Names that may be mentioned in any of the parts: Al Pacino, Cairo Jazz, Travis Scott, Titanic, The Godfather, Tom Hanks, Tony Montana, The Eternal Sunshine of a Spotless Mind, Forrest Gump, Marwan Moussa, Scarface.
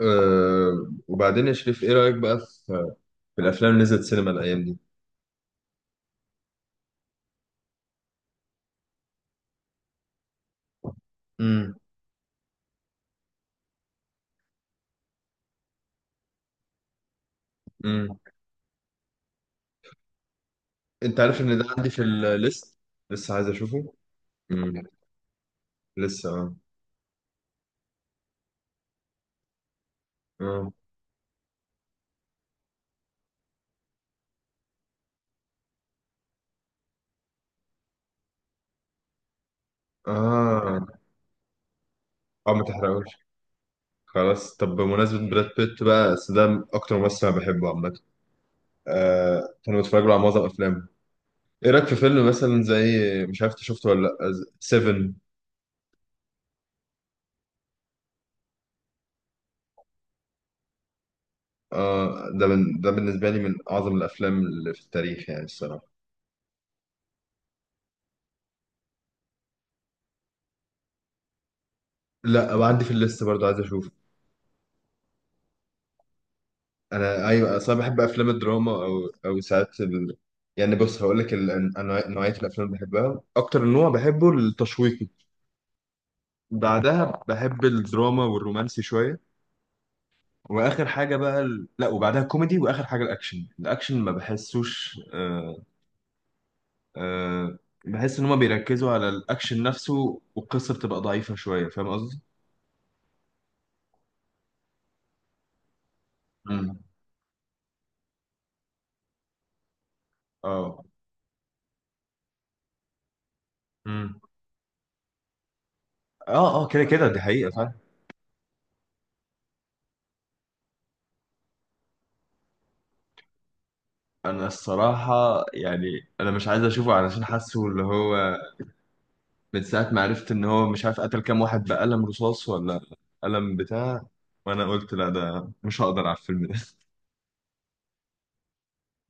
وبعدين يا شريف، ايه رأيك بقى في, في الافلام اللي نزلت سينما الايام دي؟ امم. امم. انت عارف ان ده عندي في الليست، لسه عايز اشوفه. امم. لسه، اه، اه، اه، اه، ما تحرقوش. خلاص، طب بمناسبة براد بيت بقى، بس ده اكتر ممثل انا بحبه عامة. كانوا بتفرج له على معظم افلامه. ايه رأيك في فيلم مثلا زي، مش عارف انت شفته ولا لا، سيفن؟ اه، ده من، ده بالنسبة لي من اعظم الافلام اللي في التاريخ يعني الصراحة. لا، وعندي في الليست برضه، عايز اشوفه. انا ايوه، اصلا بحب افلام الدراما، او ساعات يعني بص هقول لك، نوعيه الافلام اللي بحبها، اكتر نوع بحبه التشويقي، بعدها بحب الدراما والرومانسي شويه، واخر حاجه بقى لا، وبعدها كوميدي، واخر حاجه الاكشن. الاكشن ما بحسوش آه... بحس ان هما بيركزوا على الاكشن نفسه والقصه بتبقى ضعيفه شويه، فاهم قصدي؟ امم. اه. امم. اه، اه، كده كده دي حقيقه فعلا. انا الصراحه يعني، انا مش عايز اشوفه علشان حاسه اللي هو، من ساعة ما عرفت إن هو مش عارف قتل كام واحد بقلم رصاص، ولا قلم بتاع، وأنا قلت لا، ده مش هقدر على الفيلم ده.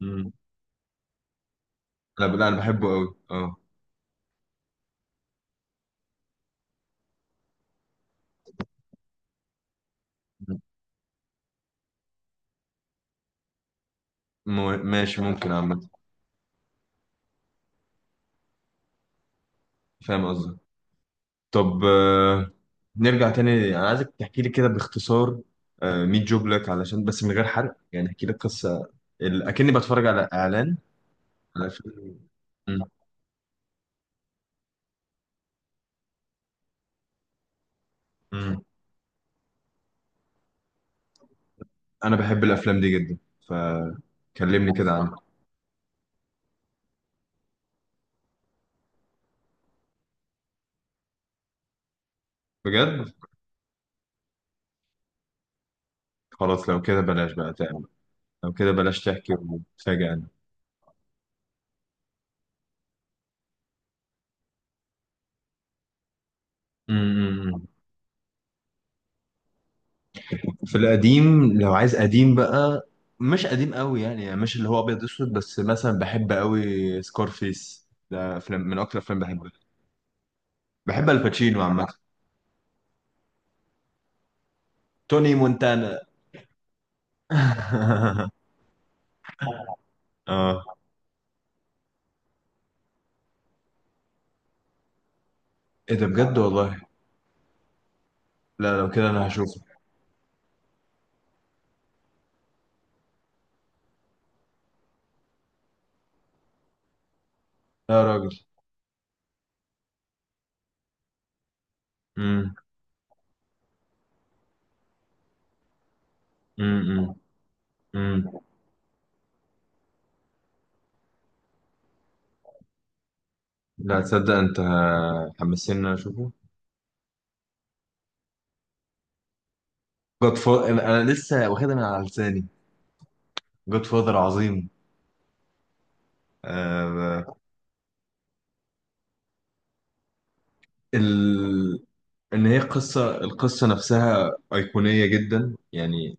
مم. لا، لا، أنا بحبه أوي، أه. ماشي، ممكن عامة. فاهم قصدك. طب، نرجع تاني، أنا عايزك تحكي لي كده باختصار، ميت جوب لك، علشان بس من غير حرق، يعني احكي لي قصة أكني بتفرج على إعلان على فيلم. مم. مم. أنا بحب الأفلام دي جدا، فكلمني كده عنها. بجد. خلاص، لو كده بلاش بقى. لو كده بلاش تحكي، وتفاجئنا. امم. في القديم، لو عايز قديم بقى، مش قديم قوي يعني, مش اللي هو ابيض اسود، بس مثلا بحب قوي سكارفيس، ده فيلم من اكتر الافلام بحبها. بحب الباتشينو عامه. توني مونتانا. اه. ايه ده بجد، والله؟ لا، لو كده انا هشوفه. لا يا راجل. امم. امم. امم. لا، تصدق انت حمسني ان انا اشوفه. جود فاذر؟ أنا لسه واخدها من على لساني، جود فاذر عظيم. آه، ال... ان هي القصه نفسها ايقونيه جدا يعني.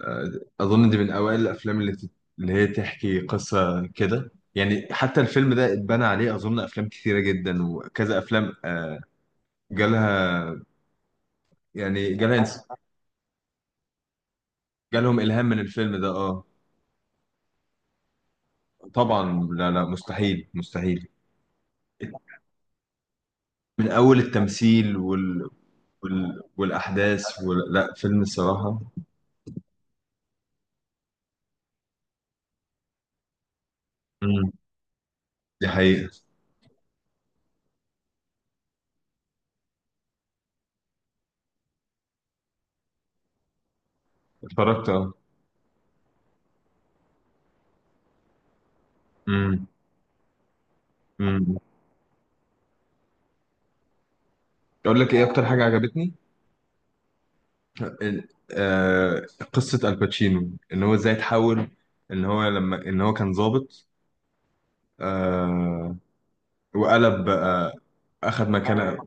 آه، اظن دي من اوائل الافلام اللي هي تحكي قصه كده. يعني حتى الفيلم ده اتبنى عليه، اظن افلام كتيره جدا وكذا افلام جالها يعني جالهم الهام من الفيلم ده، اه. طبعا، لا، لا، مستحيل مستحيل. من اول التمثيل والاحداث لا، فيلم الصراحه. امم، دي حقيقه. اتفرجت، اه. امم. اقول لك ايه اكتر حاجه عجبتني؟ ال- آه، قصه الباتشينو، ان هو ازاي تحول، ان هو كان ضابط، آه، وقلب بقى، اخذ مكانه.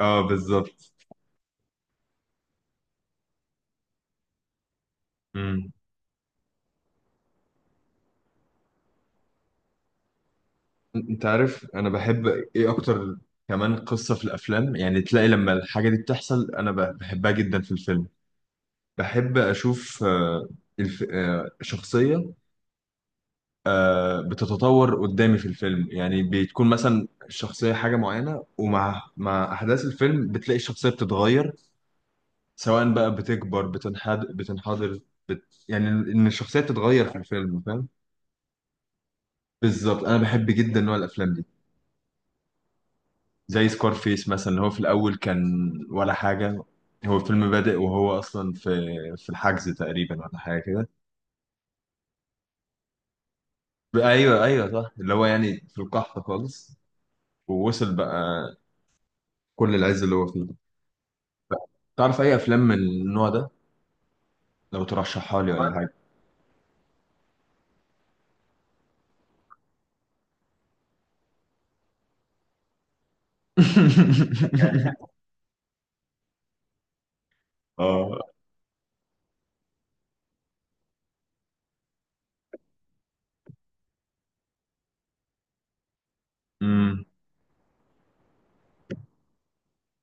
اه، بالظبط. مم. انت عارف انا بحب ايه اكتر؟ كمان قصه في الافلام، يعني تلاقي لما الحاجه دي بتحصل انا بحبها جدا في الفيلم. بحب اشوف آه، الف... آه، شخصيه بتتطور قدامي في الفيلم، يعني بتكون مثلا الشخصية حاجة معينة، ومع أحداث الفيلم بتلاقي الشخصية بتتغير، سواء بقى بتكبر، بتنحدر، يعني إن الشخصية بتتغير في الفيلم، فاهم؟ بالظبط، أنا بحب جدا نوع الأفلام دي. زي سكارفيس مثلا، هو في الأول كان ولا حاجة، هو الفيلم بادئ وهو أصلا في الحجز تقريبا، ولا حاجة كده. أيوه، أيوه، صح، اللي هو يعني في القحط خالص. ووصل بقى كل العز اللي هو فيه. تعرف اي افلام من النوع ده، لو ترشحها لي ولا حاجه؟ اه. امم.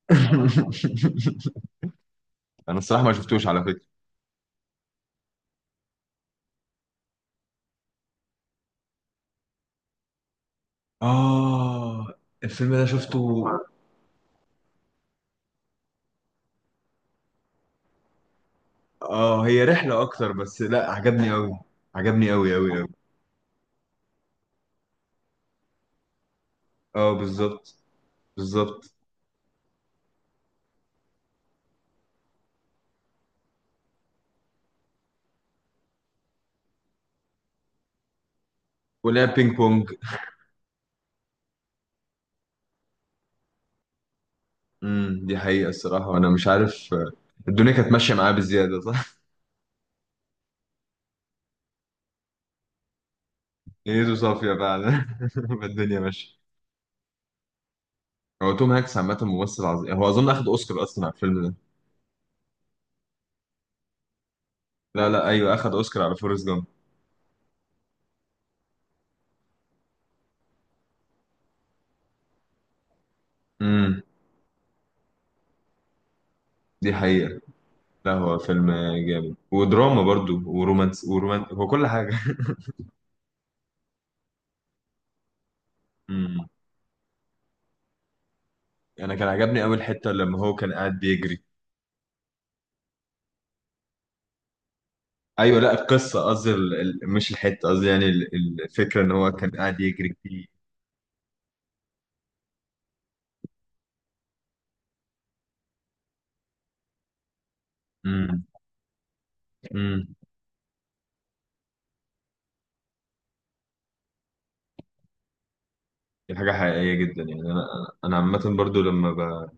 انا الصراحه ما شفتوش على فكره. اه، الفيلم ده شفته. اه، هي رحله اكتر، بس لا عجبني قوي. عجبني قوي قوي قوي. اه، بالظبط، بالظبط. ولعب بينج بونج. امم، دي حقيقه الصراحه، وانا مش عارف الدنيا كانت ماشيه معاه بزياده، صح. ايده صافيه فعلا، الدنيا ماشيه. هو توم هانكس عامه ممثل عظيم، هو اظن اخد اوسكار اصلا على الفيلم ده. لا، لا، ايوه، اخد اوسكار على فورست جامب. امم، دي حقيقة. لا، هو فيلم جامد، ودراما برضو، ورومانس هو كل حاجة. امم. انا كان عجبني اول حتة لما هو كان قاعد بيجري. ايوه لا، القصة قصدي مش الحتة، قصدي يعني الفكرة ان هو كان قاعد يجري كتير. امم. امم. دي حاجة حقيقية جدا، يعني انا عامة برضو،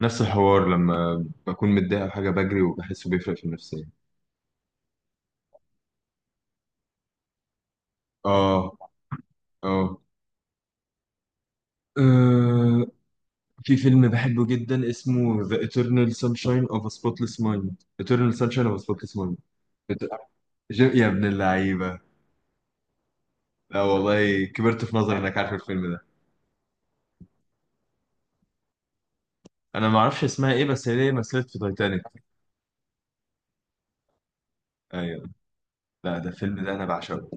نفس الحوار لما بكون متضايق او حاجة، بجري وبحسه بيفرق في النفسية. اه، اه. آه. في فيلم بحبه جدا اسمه The Eternal Sunshine of a Spotless Mind، Eternal Sunshine of a Spotless Mind. بت- يا ابن اللعيبة. لا والله، كبرت في نظري انك عارف الفيلم ده. انا ما اعرفش اسمها ايه، بس هي مثلت في تايتانيك. ايوه. لا، ده الفيلم ده انا بعشقه.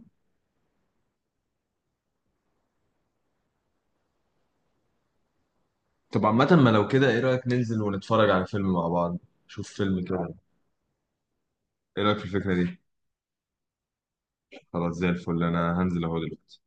طب عامة، ما لو كده ايه رأيك ننزل ونتفرج على فيلم مع بعض، شوف فيلم كده؟ ايه رأيك في الفكرة دي؟ خلاص، زي الفل، انا هنزل اهو دلوقتي.